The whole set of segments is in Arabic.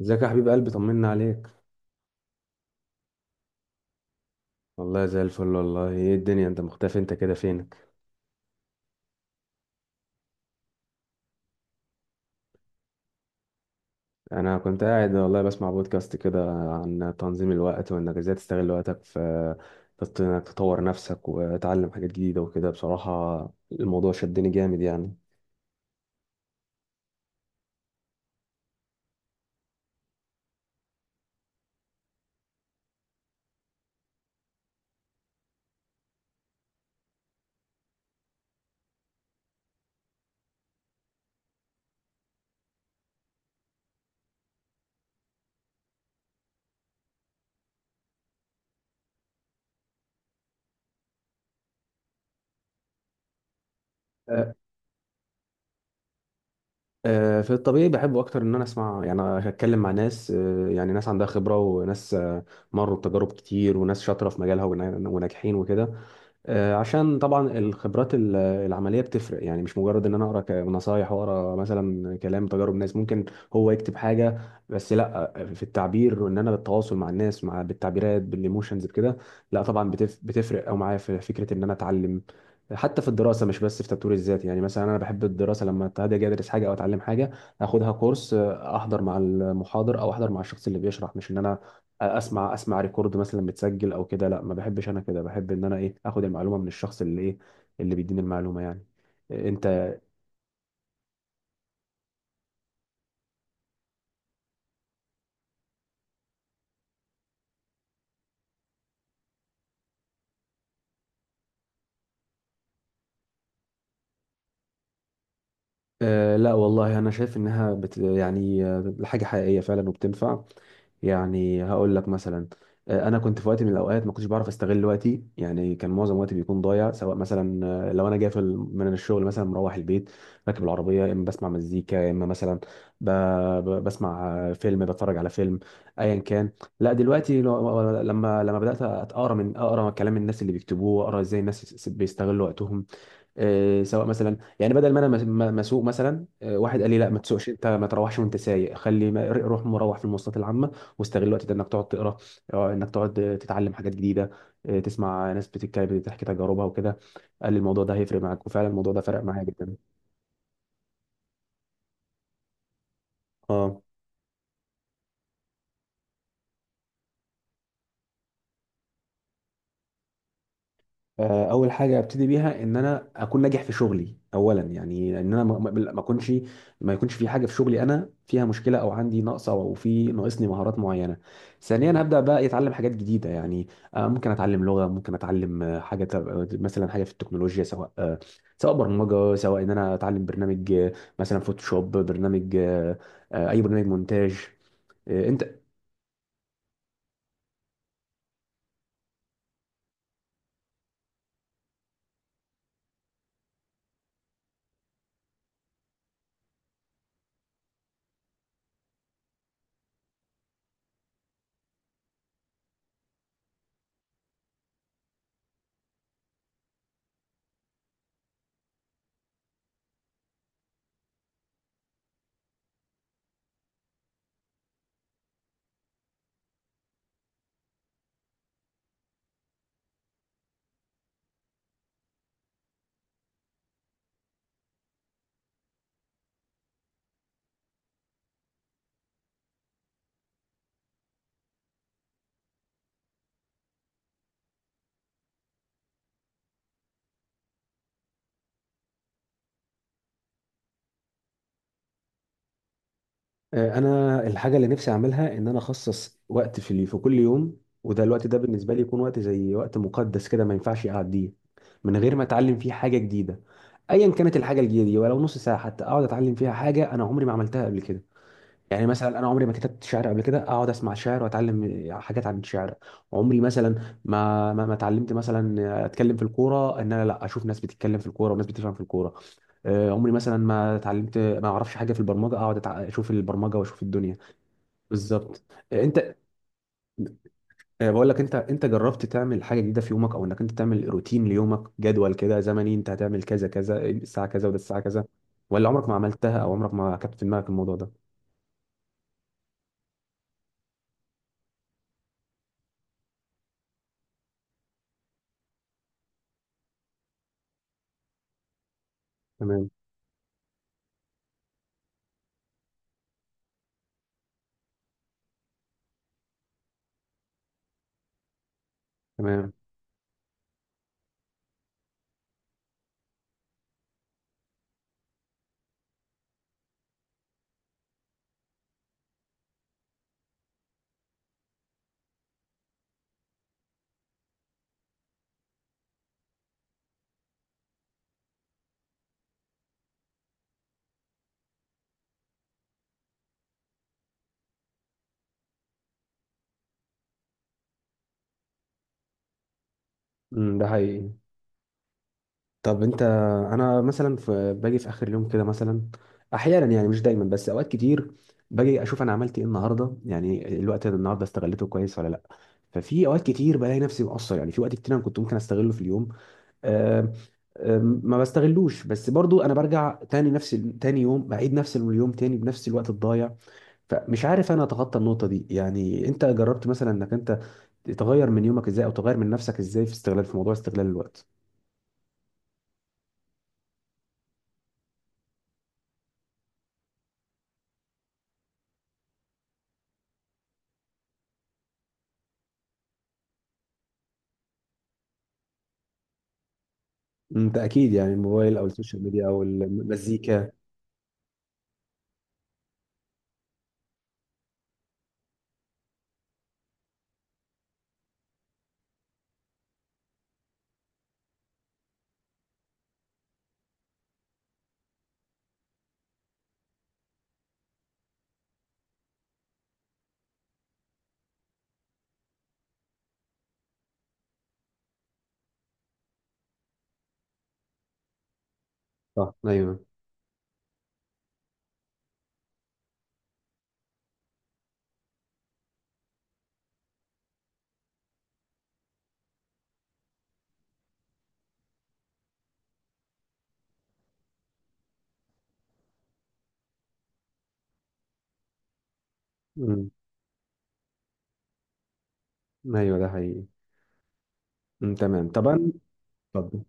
ازيك يا حبيب قلبي، طمنا عليك؟ والله زي الفل. والله، ايه الدنيا؟ انت مختفي، انت كده فينك؟ انا كنت قاعد والله بسمع بودكاست كده عن تنظيم الوقت، وانك ازاي تستغل وقتك في انك تطور نفسك وتعلم حاجات جديدة وكده. بصراحة الموضوع شدني جامد يعني. أه. في الطبيعي بحب اكتر ان انا اسمع، يعني اتكلم مع ناس، يعني ناس عندها خبرة، وناس مروا بتجارب كتير، وناس شاطرة في مجالها وناجحين وكده. عشان طبعا الخبرات العمليه بتفرق، يعني مش مجرد ان انا اقرا نصايح واقرا مثلا كلام تجارب ناس ممكن هو يكتب حاجه. بس لا، في التعبير وان انا بالتواصل مع الناس، بالتعبيرات بالايموشنز بكده، لا طبعا بتفرق، او معايا في فكره ان انا اتعلم حتى في الدراسه، مش بس في تطوير الذات. يعني مثلا انا بحب الدراسه، لما هاجي ادرس حاجه او اتعلم حاجه اخدها كورس، احضر مع المحاضر او احضر مع الشخص اللي بيشرح، مش ان انا اسمع ريكورد مثلا متسجل او كده. لا، ما بحبش انا كده، بحب ان انا ايه اخد المعلومه من الشخص اللي ايه، اللي بيديني المعلومه يعني. إيه، انت؟ لا والله، انا شايف انها يعني حاجه حقيقيه فعلا وبتنفع. يعني هقول لك مثلا، انا كنت في وقت من الاوقات ما كنتش بعرف استغل وقتي. يعني كان معظم وقتي بيكون ضايع، سواء مثلا لو انا جاي في من الشغل مثلا مروح البيت، راكب العربيه، يا اما بسمع مزيكا، يا اما مثلا ب... بسمع فيلم، بتفرج على فيلم، ايا كان. لا دلوقتي لما بدات اقرا، من اقرا كلام الناس اللي بيكتبوه، اقرا ازاي الناس بيستغلوا وقتهم. سواء مثلا، يعني بدل ما انا مسوق مثلا، واحد قال لي لا ما تسوقش، انت ما تروحش وانت سايق، خلي روح مروح في المواصلات العامه، واستغل الوقت ده انك تقعد تقرا، انك تقعد تتعلم حاجات جديده، تسمع ناس بتتكلم بتحكي تجاربها وكده. قال لي الموضوع ده هيفرق معاك، وفعلا الموضوع ده فرق معايا جدا. اه. اول حاجه ابتدي بيها، ان انا اكون ناجح في شغلي اولا. يعني ان انا ما يكونش في حاجه في شغلي انا فيها مشكله، او عندي نقص، او في ناقصني مهارات معينه. ثانيا هبدا بقى اتعلم حاجات جديده. يعني ممكن اتعلم لغه، ممكن اتعلم حاجه مثلا حاجه في التكنولوجيا، سواء برمجه، سواء ان انا اتعلم برنامج، مثلا فوتوشوب، برنامج اي برنامج مونتاج. انت؟ انا الحاجه اللي نفسي اعملها، ان انا اخصص وقت في كل يوم، وده الوقت ده بالنسبه لي يكون وقت زي وقت مقدس كده، ما ينفعش اعديه من غير ما اتعلم فيه حاجه جديده. ايا كانت الحاجه الجديده دي، ولو نص ساعه حتى، اقعد اتعلم فيها حاجه انا عمري ما عملتها قبل كده. يعني مثلا انا عمري ما كتبت شعر قبل كده، اقعد اسمع شعر واتعلم حاجات عن الشعر. عمري مثلا ما اتعلمت مثلا اتكلم في الكوره، ان انا لا، اشوف ناس بتتكلم في الكوره وناس بتفهم في الكوره. عمري مثلا ما اتعلمت، ما اعرفش حاجه في البرمجه، اقعد اشوف البرمجه واشوف الدنيا. بالظبط. انت، بقول لك، انت جربت تعمل حاجه جديده في يومك؟ او انك انت تعمل روتين ليومك، جدول كده زمني، انت هتعمل كذا كذا الساعه كذا، وده الساعه كذا؟ ولا عمرك ما عملتها، او عمرك ما كانت في دماغك الموضوع ده؟ تمام، تمام. ده حقيقي. طب انت، انا مثلا في باجي في اخر اليوم كده مثلا، احيانا يعني مش دايما بس اوقات كتير، باجي اشوف انا عملت ايه النهارده، يعني الوقت ده النهارده استغلته كويس ولا لا؟ ففي اوقات كتير بلاقي نفسي مقصر، يعني في وقت كتير انا كنت ممكن استغله في اليوم. آم، آم، ما بستغلوش، بس برضو انا برجع تاني نفس تاني يوم، بعيد نفس اليوم تاني بنفس الوقت الضايع. فمش عارف انا اتخطى النقطة دي، يعني انت جربت مثلا انك انت تغير من يومك ازاي، او تغير من نفسك ازاي في موضوع استغلال الوقت؟ انت اكيد، يعني الموبايل او السوشيال ميديا او المزيكا. صح، ايوه. امم. ايوه، ده حقيقي. امم، تمام طبعا. اتفضل.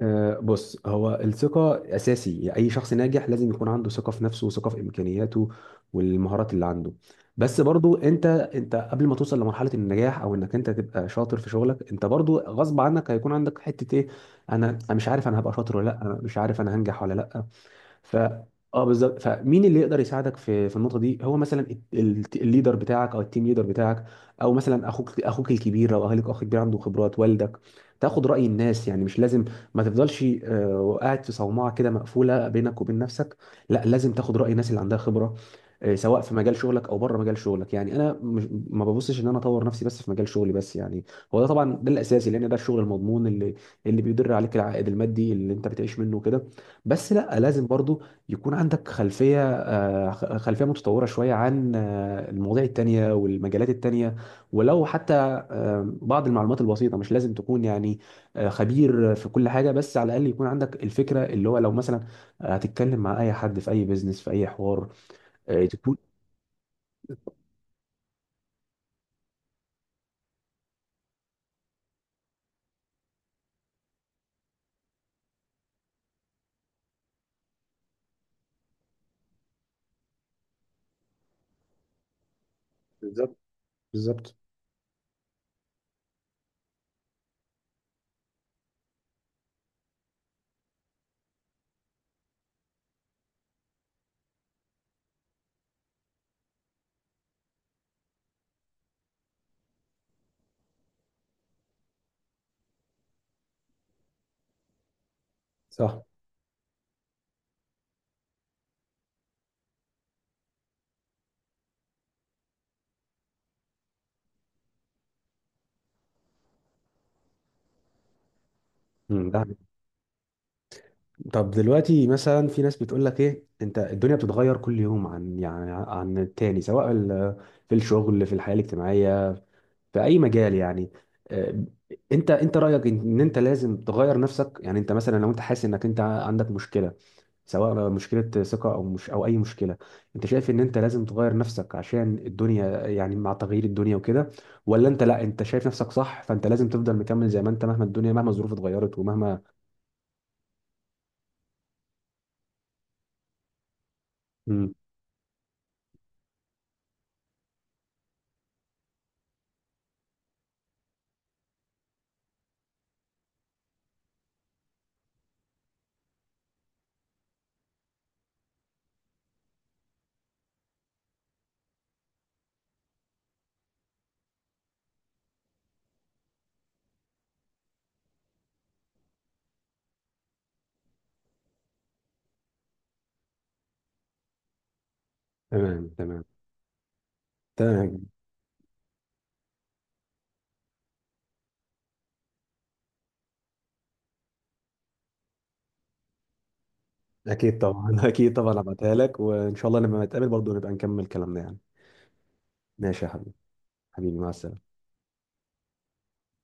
بص، هو الثقه اساسي. يعني اي شخص ناجح لازم يكون عنده ثقه في نفسه، وثقه في امكانياته والمهارات اللي عنده. بس برضو، انت قبل ما توصل لمرحله النجاح، او انك انت تبقى شاطر في شغلك، انت برضو غصب عنك هيكون عندك حته ايه. أنا مش عارف انا هبقى شاطر ولا لا، انا مش عارف انا هنجح ولا لا. ف اه بالظبط. فمين اللي يقدر يساعدك في النقطه دي؟ هو مثلا الليدر بتاعك، او التيم ليدر بتاعك، او مثلا اخوك الكبير لو اهلك اخ كبير عنده خبرات، والدك. تاخد راي الناس، يعني مش لازم ما تفضلش قاعد في صومعه كده مقفوله بينك وبين نفسك. لا، لازم تاخد راي الناس اللي عندها خبره، سواء في مجال شغلك او بره مجال شغلك. يعني انا مش ما ببصش ان انا اطور نفسي بس في مجال شغلي بس يعني، هو ده طبعا ده الاساسي، لان ده الشغل المضمون اللي بيدر عليك العائد المادي اللي انت بتعيش منه كده. بس لا، لازم برضو يكون عندك خلفية متطورة شوية عن المواضيع التانية والمجالات التانية، ولو حتى بعض المعلومات البسيطة. مش لازم تكون يعني خبير في كل حاجة، بس على الأقل يكون عندك الفكرة، اللي هو لو مثلا هتتكلم مع أي حد في أي بيزنس في أي حوار، تكون. بالظبط، بالظبط. صح. ده. طب دلوقتي مثلا، في ناس بتقول لك ايه، انت الدنيا بتتغير كل يوم عن التاني، سواء في الشغل، في الحياة الاجتماعية، في اي مجال يعني. آه، انت رايك إن انت لازم تغير نفسك؟ يعني انت مثلا لو انت حاسس انك انت عندك مشكله، سواء مشكله ثقه، او مش، او اي مشكله، انت شايف ان انت لازم تغير نفسك عشان الدنيا؟ يعني مع تغيير الدنيا وكده، ولا انت، لا انت شايف نفسك صح، فانت لازم تفضل مكمل زي ما انت، مهما الدنيا، مهما الظروف اتغيرت ومهما. مم. تمام، تمام، تمام. اكيد طبعا. اكيد طبعا، هبعتها لك، وان شاء الله لما نتقابل برضه نبقى نكمل كلامنا يعني. ماشي يا حبيبي. حبيبي، مع السلامه.